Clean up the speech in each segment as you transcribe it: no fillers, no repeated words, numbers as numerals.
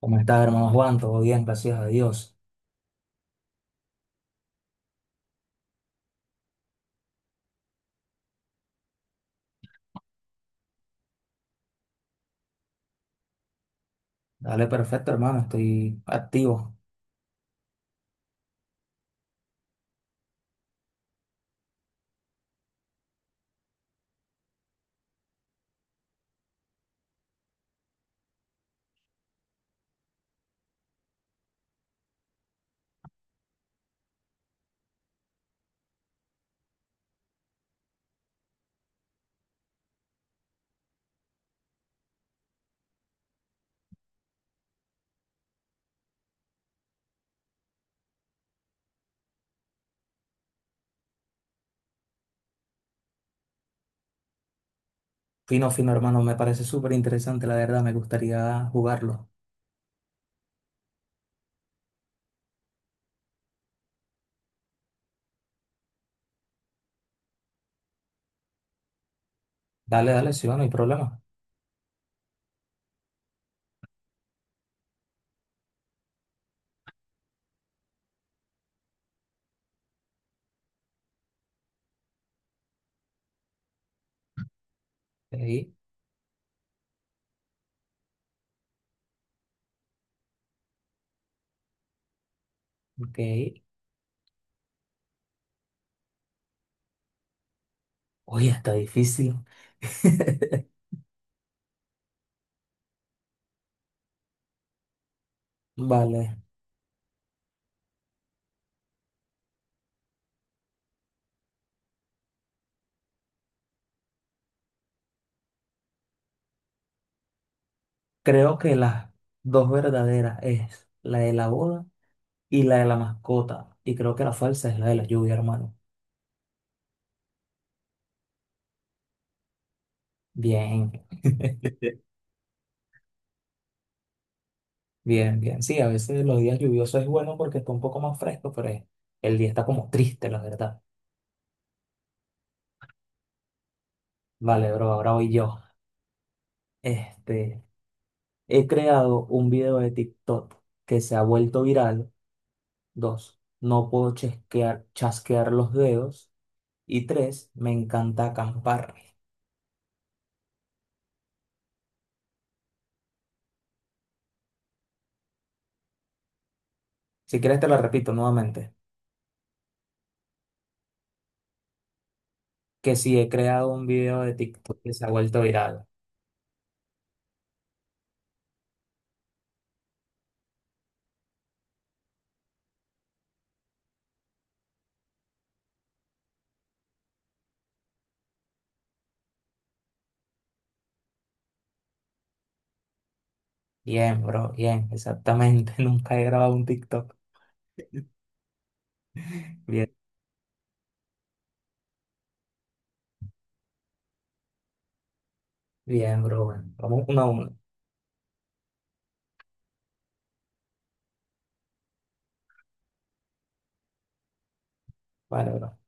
¿Cómo estás, hermano Juan? Todo bien, gracias a Dios. Dale, perfecto, hermano. Estoy activo. Fino, fino, hermano. Me parece súper interesante, la verdad. Me gustaría jugarlo. Dale, dale, sí, va, no hay problema. Ok, ok. Oye, está difícil. Vale. Creo que las dos verdaderas es la de la boda y la de la mascota. Y creo que la falsa es la de la lluvia, hermano. Bien. Bien, bien. Sí, a veces los días lluviosos es bueno porque está un poco más fresco, pero es- el día está como triste, la verdad. Vale, bro, ahora voy yo. Este, he creado un video de TikTok que se ha vuelto viral. Dos, no puedo chasquear los dedos. Y tres, me encanta acampar. Si quieres te lo repito nuevamente, que sí he creado un video de TikTok que se ha vuelto viral. Bien, bro, bien, exactamente. Nunca he grabado un TikTok. Bien, bien, bro. Bueno, vamos uno a uno. Vale, bro.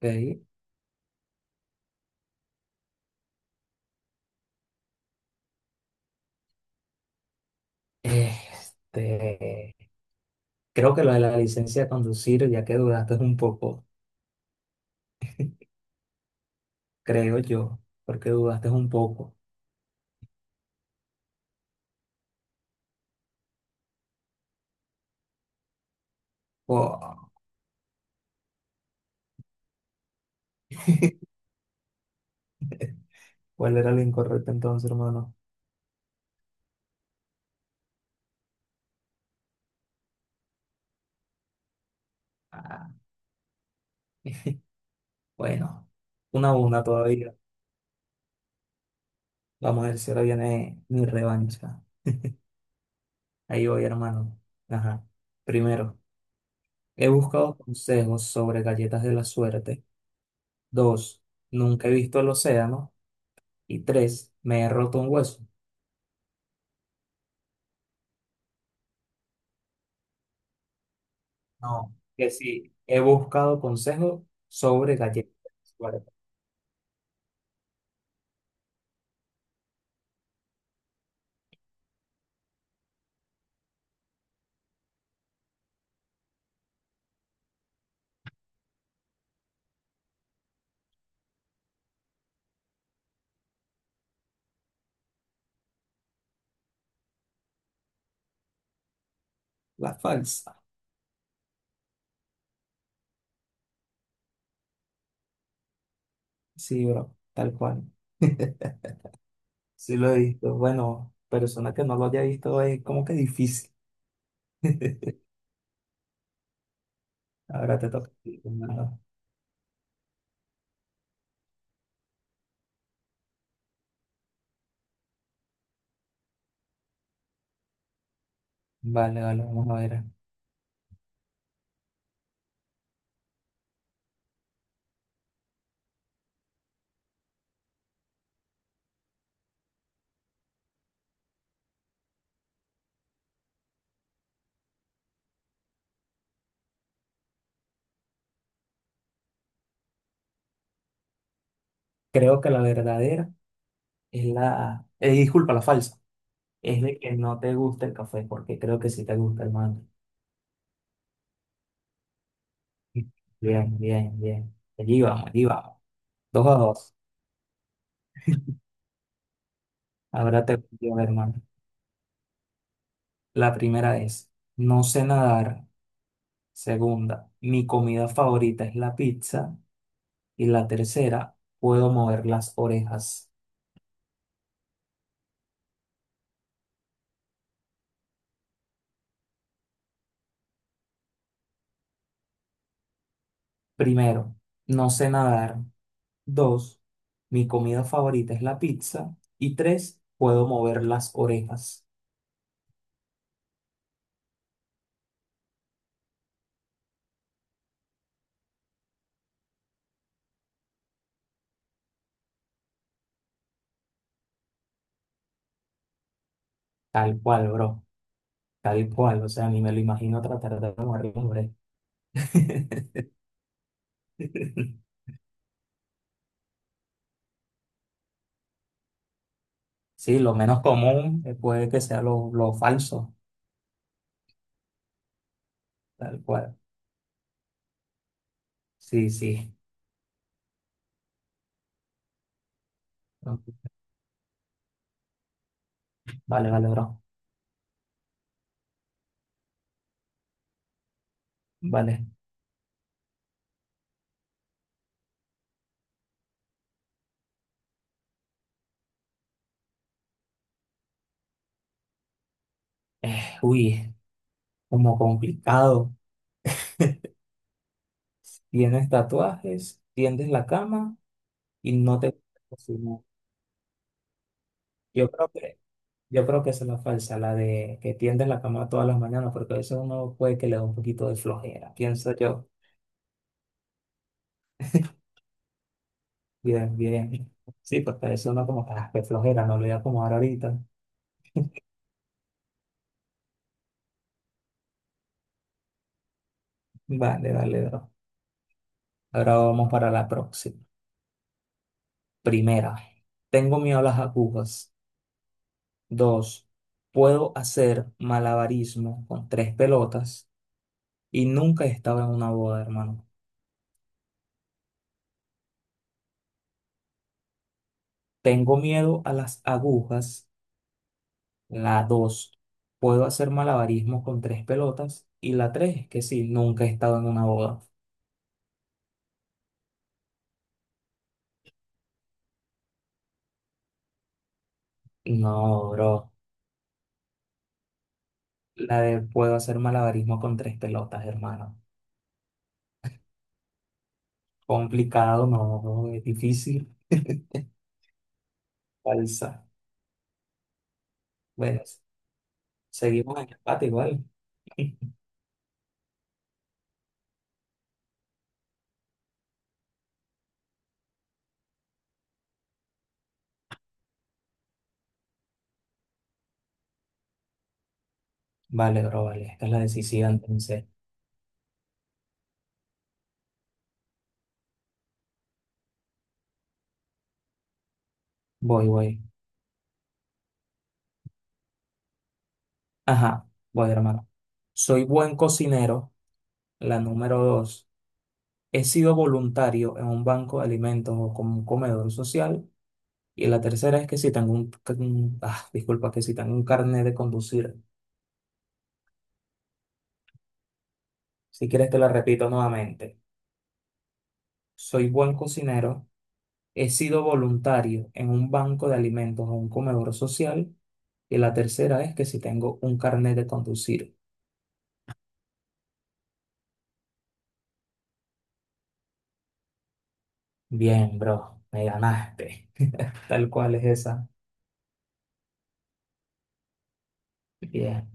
Ok. Este, creo que lo de la licencia de conducir, ya que dudaste un poco, creo yo, porque dudaste un poco. Oh, ¿cuál era lo incorrecto entonces, hermano? Ah, bueno, una a una todavía. Vamos a ver si ahora viene mi revancha. Ahí voy, hermano. Ajá. Primero, he buscado consejos sobre galletas de la suerte. Dos, nunca he visto el océano. Y tres, me he roto un hueso. No, que sí, he buscado consejos sobre galletas. Vale, la falsa. Sí, bro, tal cual. Sí lo he visto. Bueno, persona que no lo haya visto es como que difícil. Ahora te toca a ti, hermano. Vale, vale, vamos a ver. Creo que la verdadera es la... disculpa, la falsa. Es de que no te gusta el café, porque creo que sí te gusta, hermano. Bien, bien, bien. Allí vamos, allí vamos. Dos a dos. Ahora te pido, hermano. La primera es, no sé nadar. Segunda, mi comida favorita es la pizza. Y la tercera, puedo mover las orejas. Primero, no sé nadar. Dos, mi comida favorita es la pizza. Y tres, puedo mover las orejas. Tal cual, bro. Tal cual. O sea, ni me lo imagino tratar de mover las orejas. Sí, lo menos común puede que sea lo falso. Tal cual. Sí, sí. Vale, vale, bro. Vale. Uy, como complicado. Tienes tatuajes, tiendes la cama y no te gusta cocinar. Yo creo que, yo creo que esa es la falsa, la de que tiendes la cama todas las mañanas, porque a veces uno puede que le da un poquito de flojera, pienso yo. Bien, bien. Sí, porque a veces uno como que, "Ah, qué flojera, no lo voy a acomodar ahorita." Vale, dale, bro. Ahora vamos para la próxima. Primera, tengo miedo a las agujas. Dos, puedo hacer malabarismo con tres pelotas. Y nunca he estado en una boda, hermano. Tengo miedo a las agujas, la dos, puedo hacer malabarismo con tres pelotas y la 3, que sí, nunca he estado en una boda. No, bro. La de puedo hacer malabarismo con tres pelotas, hermano. Complicado, no, bro, es difícil. Falsa. Bueno, seguimos en empate igual. Vale, bro, vale. Esta es la decisiva, entonces. Voy, voy. Ajá, voy, hermano. Soy buen cocinero, la número dos, he sido voluntario en un banco de alimentos o como un comedor social. Y la tercera es que si tengo un, que un- ah, disculpa, que si tengo un carnet de conducir. Si quieres te la repito nuevamente. Soy buen cocinero. He sido voluntario en un banco de alimentos o un comedor social. Y la tercera es que si tengo un carnet de conducir. Bien, bro, me ganaste. Tal cual es esa. Bien.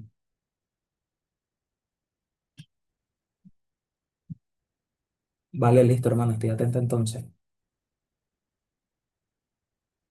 Vale, listo, hermano. Estoy atento entonces.